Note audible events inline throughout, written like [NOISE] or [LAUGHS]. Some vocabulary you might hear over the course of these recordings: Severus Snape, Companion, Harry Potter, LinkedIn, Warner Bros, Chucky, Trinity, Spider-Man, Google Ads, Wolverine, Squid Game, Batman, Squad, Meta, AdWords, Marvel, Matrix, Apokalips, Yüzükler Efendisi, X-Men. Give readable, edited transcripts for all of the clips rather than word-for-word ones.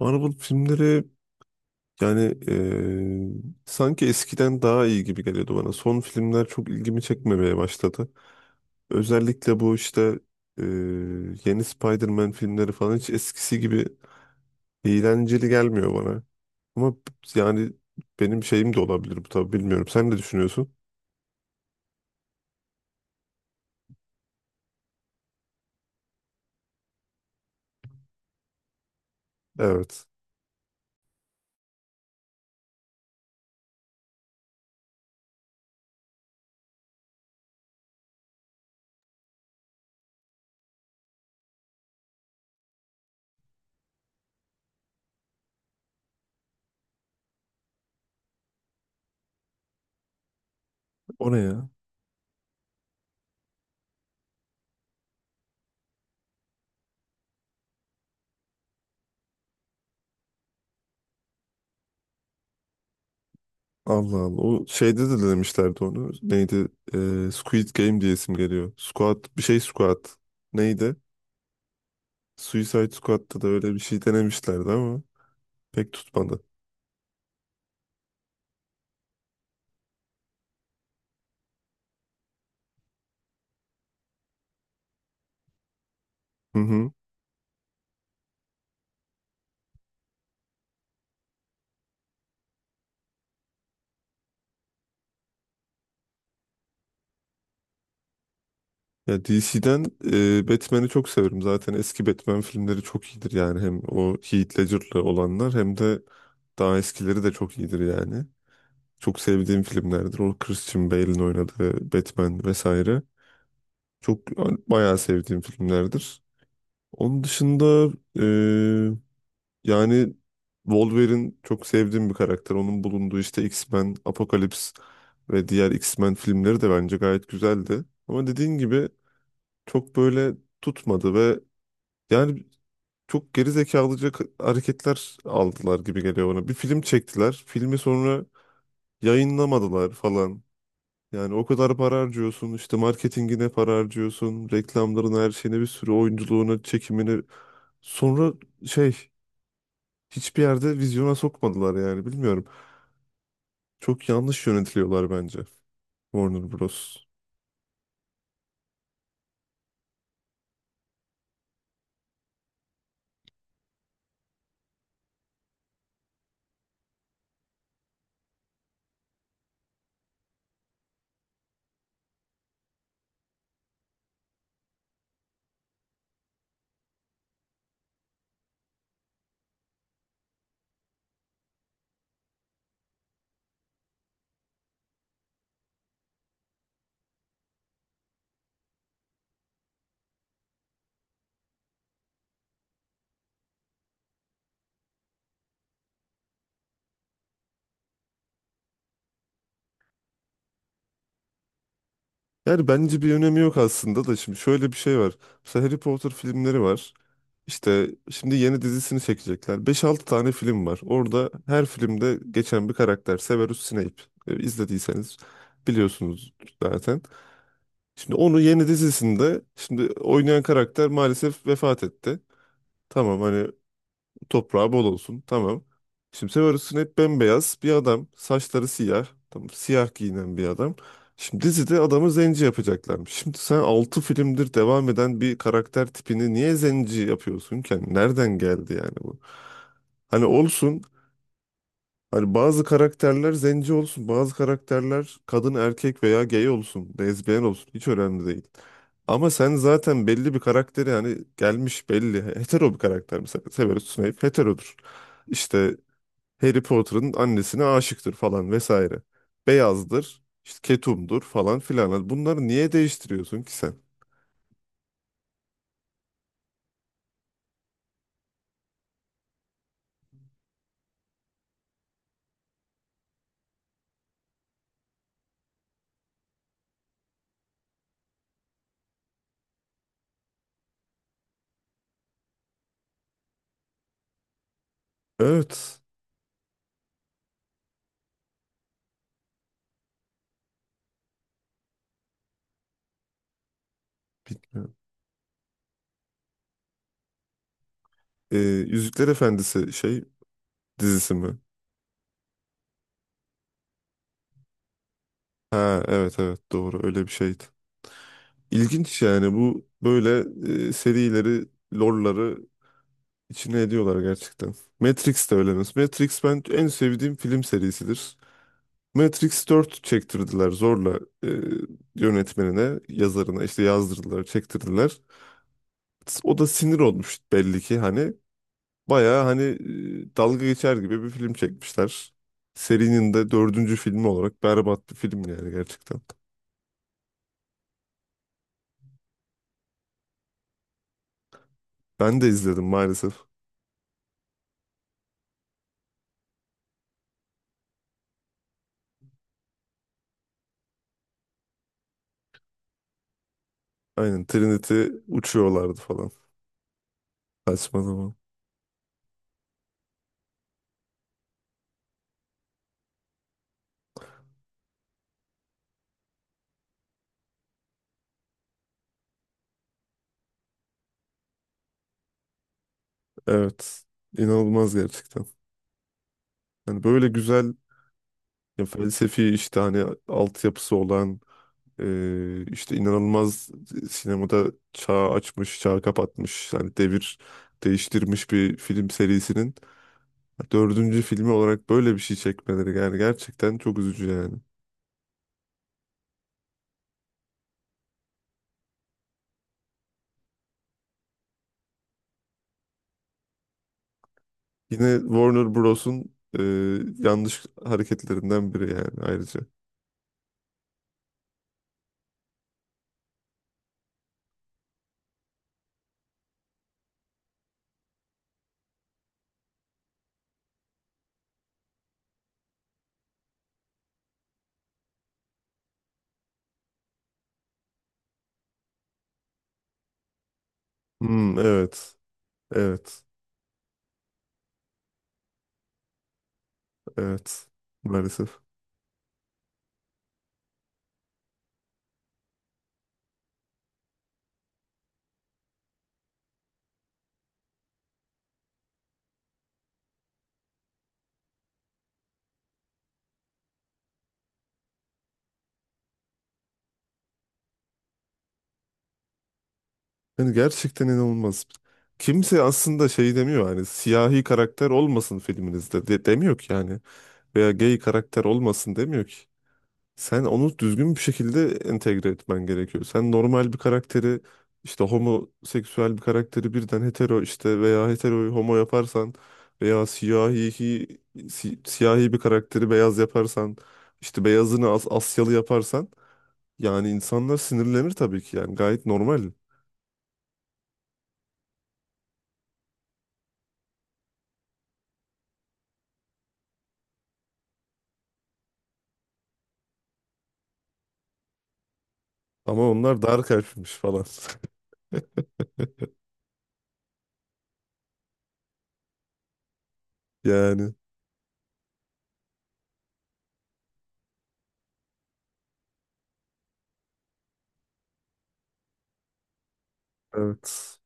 Marvel filmleri, yani, eee, sanki eskiden daha iyi gibi geliyordu bana. Son filmler çok ilgimi çekmemeye başladı. Özellikle bu işte, eee, yeni Spider-Man filmleri falan hiç eskisi gibi eğlenceli gelmiyor bana. Ama yani benim şeyim de olabilir bu, tabii bilmiyorum. Sen ne düşünüyorsun? Evet. O ne ya? Allah Allah. O şeyde de demişlerdi onu. Neydi? Squid Game diye isim geliyor. Squad bir şey, Squad. Neydi? Suicide Squad'da da öyle bir şey denemişlerdi ama pek tutmadı. Hı hı. Ya DC'den, Batman'i çok severim. Zaten eski Batman filmleri çok iyidir yani. Hem o Heath Ledger'lı olanlar hem de daha eskileri de çok iyidir yani. Çok sevdiğim filmlerdir. O Christian Bale'in oynadığı Batman vesaire. Çok yani, bayağı sevdiğim filmlerdir. Onun dışında, yani Wolverine çok sevdiğim bir karakter. Onun bulunduğu işte X-Men, Apokalips ve diğer X-Men filmleri de bence gayet güzeldi. Ama dediğin gibi çok böyle tutmadı ve yani çok geri zekalıca hareketler aldılar gibi geliyor bana. Bir film çektiler. Filmi sonra yayınlamadılar falan. Yani o kadar para harcıyorsun, işte marketingine para harcıyorsun, reklamlarına, her şeyine, bir sürü oyunculuğuna, çekimine. Sonra şey, hiçbir yerde vizyona sokmadılar, yani bilmiyorum. Çok yanlış yönetiliyorlar bence, Warner Bros. Yani bence bir önemi yok aslında da, şimdi şöyle bir şey var. Mesela Harry Potter filmleri var. İşte şimdi yeni dizisini çekecekler. Beş altı tane film var. Orada her filmde geçen bir karakter: Severus Snape. İzlediyseniz biliyorsunuz zaten. Şimdi onu yeni dizisinde şimdi oynayan karakter maalesef vefat etti. Tamam hani, toprağı bol olsun. Tamam. Şimdi sen arasın, hep bembeyaz bir adam. Saçları siyah. Tamam. Siyah giyinen bir adam. Şimdi dizide adamı zenci yapacaklarmış. Şimdi sen 6 filmdir devam eden bir karakter tipini niye zenci yapıyorsun ki? Yani nereden geldi yani bu? Hani olsun, hani bazı karakterler zenci olsun, bazı karakterler kadın, erkek veya gay olsun, lezbiyen olsun, hiç önemli değil. Ama sen zaten belli bir karakteri, yani gelmiş belli. Hetero bir karakter mesela. Severus Snape heterodur. İşte Harry Potter'ın annesine aşıktır falan vesaire. Beyazdır, işte ketumdur falan filan. Hani bunları niye değiştiriyorsun ki sen? Evet. Bilmiyorum. Ee, Yüzükler Efendisi şey dizisi mi? Ha evet evet, doğru, öyle bir şeydi. İlginç yani bu böyle, serileri, lore'ları içine ediyorlar gerçekten. Matrix de öyle mesela. Matrix ben en sevdiğim film serisidir. Matrix 4 çektirdiler zorla, yönetmenine, yazarına işte yazdırdılar, çektirdiler. O da sinir olmuş belli ki, hani bayağı hani dalga geçer gibi bir film çekmişler. Serinin de dördüncü filmi olarak berbat bir film yani, gerçekten. Ben de izledim maalesef. Aynen, Trinity uçuyorlardı falan. Saçma zaman. Evet. İnanılmaz gerçekten. Yani böyle güzel ya, felsefi işte hani altyapısı olan, işte inanılmaz, sinemada çağ açmış, çağ kapatmış, yani devir değiştirmiş bir film serisinin dördüncü filmi olarak böyle bir şey çekmeleri yani gerçekten çok üzücü yani. Yine Warner Bros'un yanlış hareketlerinden biri yani, ayrıca. Hmm, evet. Evet. Evet. Maalesef. Yani gerçekten inanılmaz. Kimse aslında şey demiyor, hani siyahi karakter olmasın filminizde de, demiyor ki yani. Veya gay karakter olmasın demiyor ki. Sen onu düzgün bir şekilde entegre etmen gerekiyor. Sen normal bir karakteri, işte homoseksüel bir karakteri birden hetero, işte veya heteroyu homo yaparsan, veya siyahi siyahi bir karakteri beyaz yaparsan, işte beyazını Asyalı yaparsan, yani insanlar sinirlenir tabii ki, yani gayet normal. Ama onlar dar kalpmiş falan. [LAUGHS] Yani evet.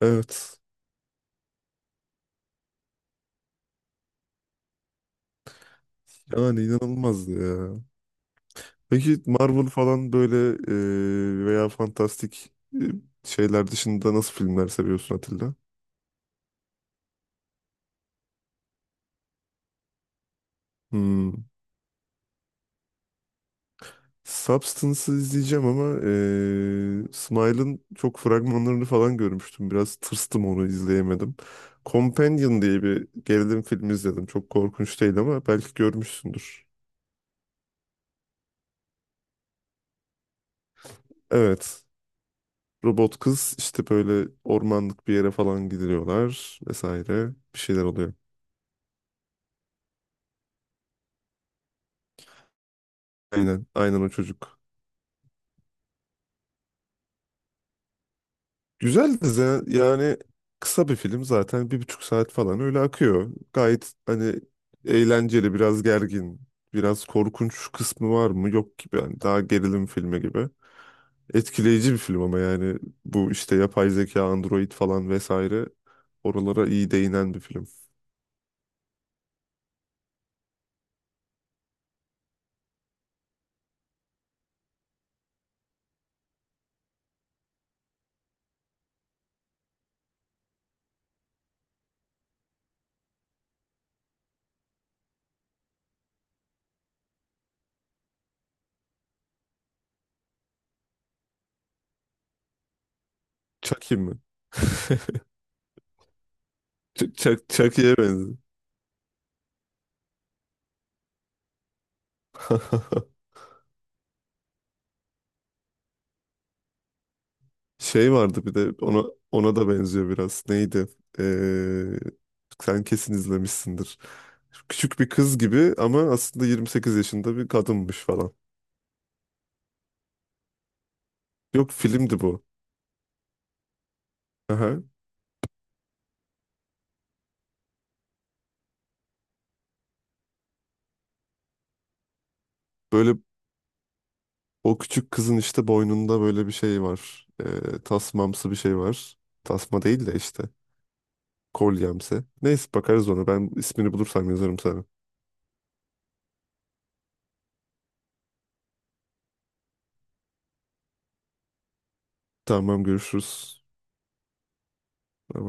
Evet. Yani inanılmazdı ya. Peki Marvel falan böyle, veya fantastik, şeyler dışında nasıl filmler seviyorsun Atilla? Hmm. Substance'ı izleyeceğim ama Smile'ın çok fragmanlarını falan görmüştüm. Biraz tırstım, onu izleyemedim. Companion diye bir gerilim filmi izledim. Çok korkunç değil ama belki görmüşsündür. Evet. Robot kız işte böyle ormanlık bir yere falan gidiliyorlar vesaire, bir şeyler oluyor. Aynen, aynen o çocuk. Güzeldi ze- yani kısa bir film zaten, bir buçuk saat falan öyle akıyor. Gayet hani eğlenceli, biraz gergin, biraz korkunç kısmı var mı yok gibi, yani daha gerilim filmi gibi. Etkileyici bir film ama yani bu işte yapay zeka, android falan vesaire, oralara iyi değinen bir film. Chucky mi? [LAUGHS] Chucky'ye benziyor. [LAUGHS] Şey vardı bir de, ona ona da benziyor biraz. Neydi? Sen kesin izlemişsindir. Küçük bir kız gibi ama aslında 28 yaşında bir kadınmış falan. Yok, filmdi bu. Aha. Böyle o küçük kızın işte boynunda böyle bir şey var. Tasmamsı bir şey var. Tasma değil de işte kolyemsi. Neyse, bakarız ona. Ben ismini bulursam yazarım sana. Tamam, görüşürüz. Bye bye.